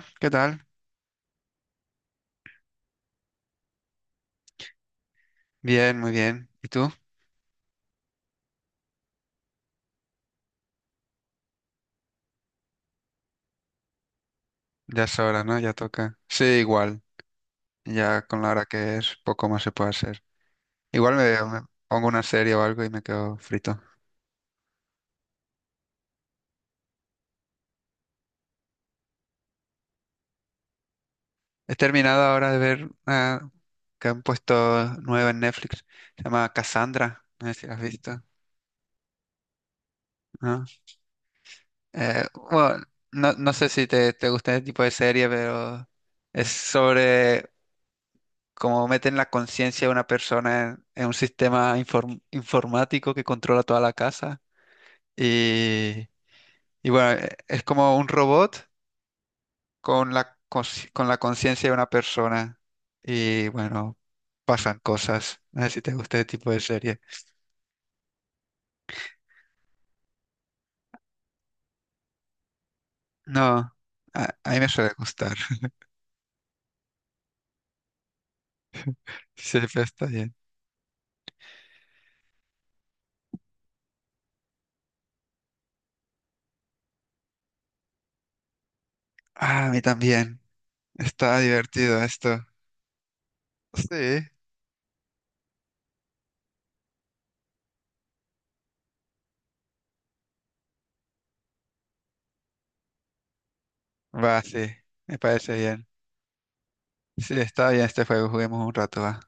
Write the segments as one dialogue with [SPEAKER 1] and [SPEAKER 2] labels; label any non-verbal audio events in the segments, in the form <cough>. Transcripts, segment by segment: [SPEAKER 1] Hola, ¿qué tal? Bien, muy bien. ¿Y tú? Ya es hora, ¿no? Ya toca. Sí, igual. Ya con la hora que es, poco más se puede hacer. Igual me, me pongo una serie o algo y me quedo frito. He terminado ahora de ver una que han puesto nueva en Netflix. Se llama Cassandra. No sé si la has visto, ¿no? Eh, bueno, no, no sé si te gusta este tipo de serie, pero es sobre cómo meten la conciencia de una persona en un sistema informático que controla toda la casa. Y, y bueno, es como un robot con la, con la conciencia de una persona. Y bueno, pasan cosas. No sé si te gusta este tipo de serie. No, a mí me suele gustar. <laughs> Sí, pero está bien. Ah, a mí también. Está divertido esto. Sí, va, sí. Me parece bien. Sí, está bien este juego. Juguemos un rato, va.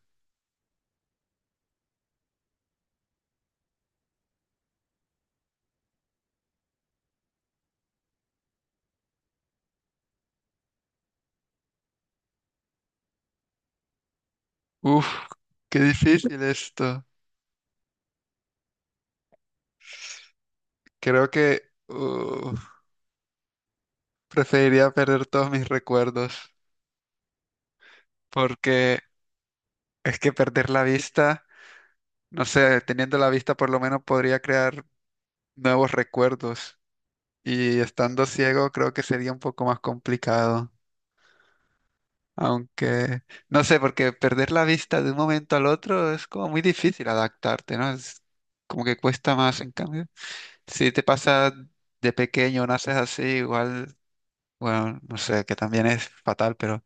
[SPEAKER 1] Uf, qué difícil esto. Creo que uf, preferiría perder todos mis recuerdos. Porque es que perder la vista, no sé, teniendo la vista por lo menos podría crear nuevos recuerdos y estando ciego creo que sería un poco más complicado, aunque no sé, porque perder la vista de un momento al otro es como muy difícil adaptarte, ¿no? Es como que cuesta más en cambio. Si te pasa de pequeño, naces así, igual, bueno, no sé, que también es fatal, pero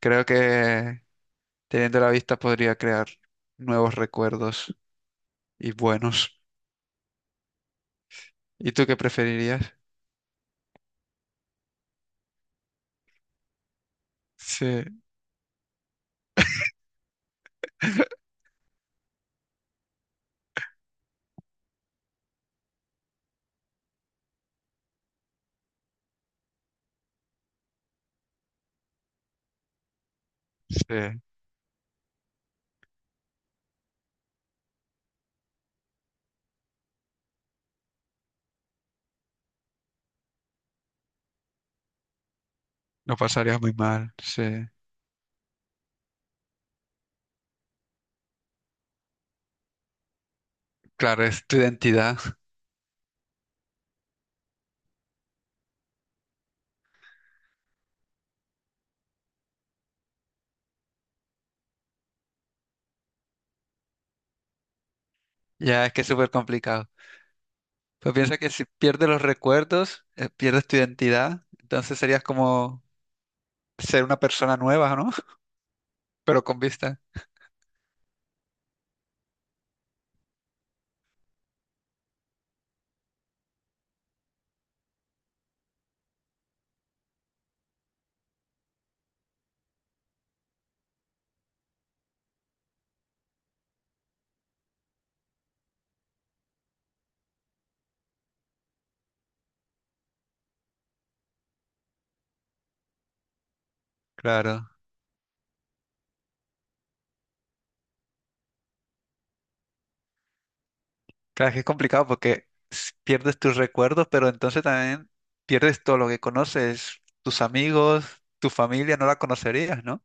[SPEAKER 1] creo que teniendo la vista podría crear nuevos recuerdos y buenos. ¿Y tú qué preferirías? Sí, sí, lo pasarías muy mal, sí. Claro, es tu identidad. <laughs> Ya es que es súper complicado. Pues piensa que si pierdes los recuerdos, pierdes tu identidad, entonces serías como ser una persona nueva, ¿no? <laughs> Pero con vista. Claro. Claro, es que es complicado porque pierdes tus recuerdos, pero entonces también pierdes todo lo que conoces, tus amigos, tu familia, no la conocerías, ¿no?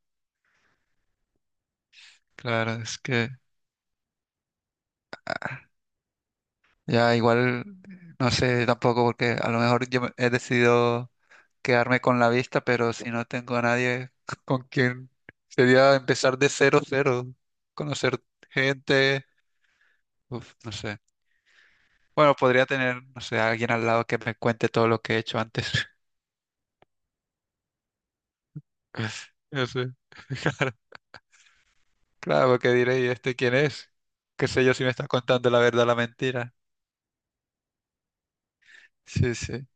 [SPEAKER 1] Claro, es que ya igual, no sé tampoco, porque a lo mejor yo he decidido quedarme con la vista, pero si no tengo a nadie <laughs> con quien, sería empezar de cero, cero, conocer gente, uf, no sé. Bueno, podría tener, no sé, a alguien al lado que me cuente todo lo que he hecho antes. <laughs> No sé. Claro, porque diré, ¿y este quién es? ¿Qué sé yo si me está contando la verdad o la mentira? Sí, sí.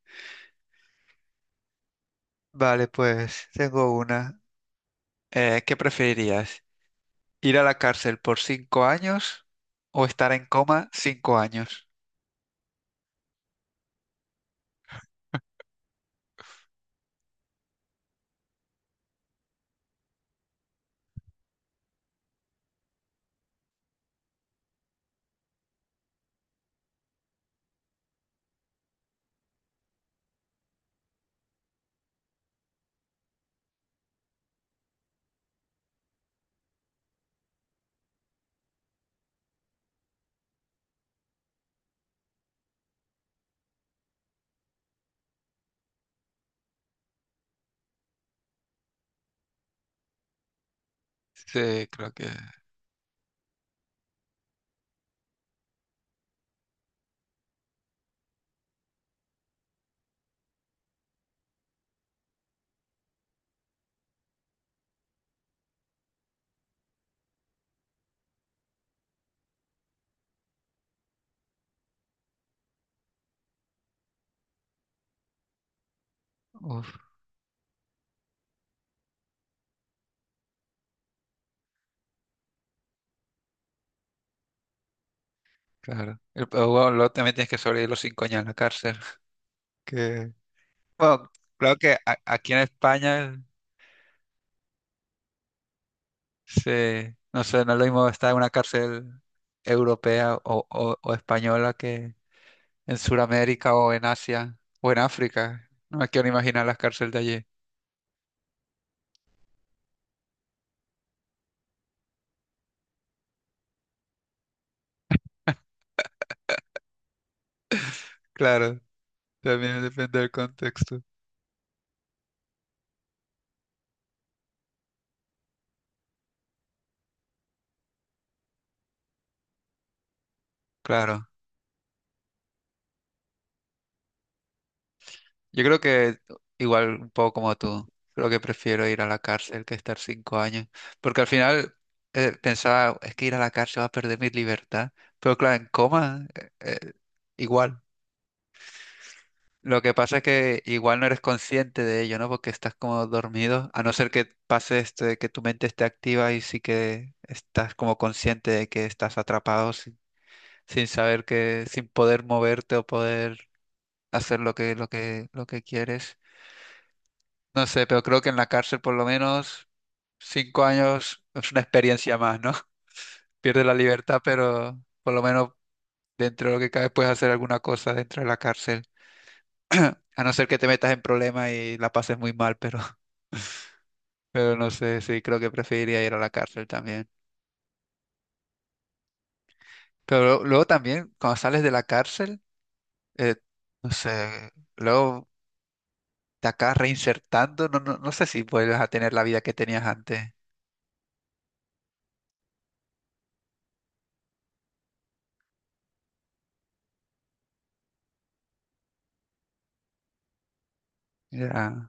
[SPEAKER 1] Vale, pues tengo una. ¿Qué preferirías? ¿Ir a la cárcel por 5 años o estar en coma 5 años? Sí, creo que... Uf, claro. Pero bueno, luego también tienes que sobrevivir los 5 años en la cárcel. Que... Bueno, creo que aquí en España, sí, no sé, no es lo mismo estar en una cárcel europea o, o española que en Sudamérica o en Asia o en África. No me quiero ni imaginar las cárceles de allí. Claro, también depende del contexto. Claro. Yo creo que igual un poco como tú, creo que prefiero ir a la cárcel que estar 5 años, porque al final pensaba, es que ir a la cárcel va a perder mi libertad, pero claro, en coma igual. Lo que pasa es que igual no eres consciente de ello, ¿no? Porque estás como dormido, a no ser que pase este, que tu mente esté activa y sí que estás como consciente de que estás atrapado sin, sin saber que, sin poder moverte o poder hacer lo que, lo que, lo que quieres. No sé, pero creo que en la cárcel por lo menos 5 años es una experiencia más, ¿no? <laughs> Pierdes la libertad, pero por lo menos dentro de lo que cabe puedes hacer alguna cosa dentro de la cárcel. <clears throat> A no ser que te metas en problemas y la pases muy mal, pero, <laughs> pero no sé, sí, creo que preferiría ir a la cárcel también. Pero luego también, cuando sales de la cárcel, eh, no sé, luego te acabas reinsertando, no, no, no sé si vuelves a tener la vida que tenías antes. Ya.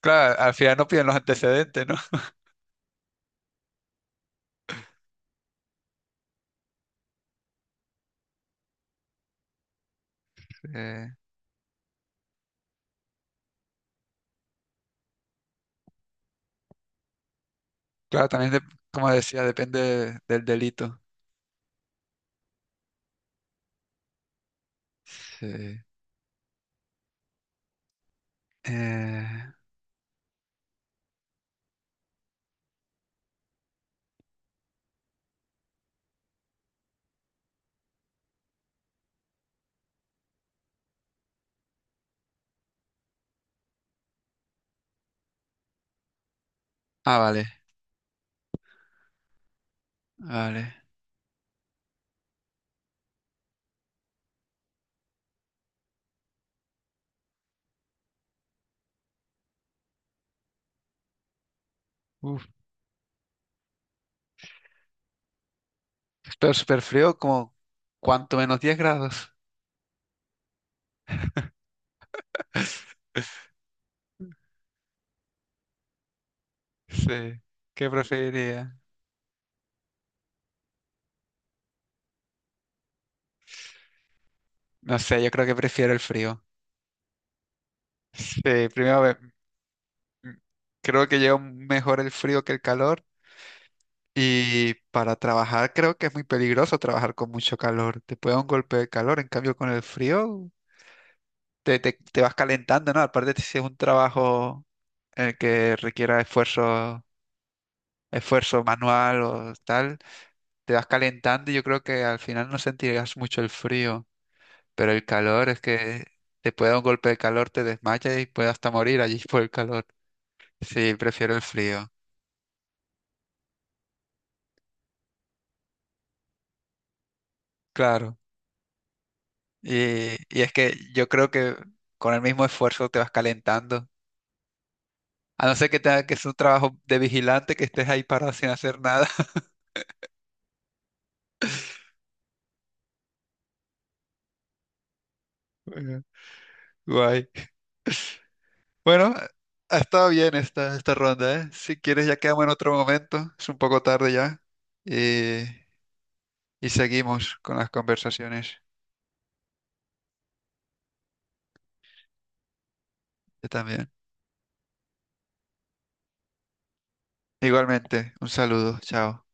[SPEAKER 1] Claro, al final no piden los antecedentes, ¿no? <laughs> Eh, claro, también, como decía, depende del delito. Sí. Eh, ah, vale, vale. Uf, pero súper frío, como cuanto menos 10 grados. Sí. ¿Qué preferiría? No sé, yo creo que prefiero el frío. Sí, primero ve- m- creo que llevo mejor el frío que el calor. Y para trabajar creo que es muy peligroso trabajar con mucho calor. Te puede dar un golpe de calor, en cambio con el frío te, te vas calentando, ¿no? Aparte si es un trabajo que requiera esfuerzo, esfuerzo manual o tal, te vas calentando y yo creo que al final no sentirás mucho el frío, pero el calor es que te puede dar un golpe de calor, te desmayas y puedes hasta morir allí <laughs> por el calor. Sí, prefiero el frío, claro. Y es que yo creo que con el mismo esfuerzo te vas calentando. A no ser que tenga que es un trabajo de vigilante, que estés ahí parado sin hacer nada. <laughs> Bueno, guay. Bueno, ha estado bien esta, esta ronda, ¿eh? Si quieres ya quedamos en otro momento, es un poco tarde ya. Y, y seguimos con las conversaciones yo también. Igualmente, un saludo, chao.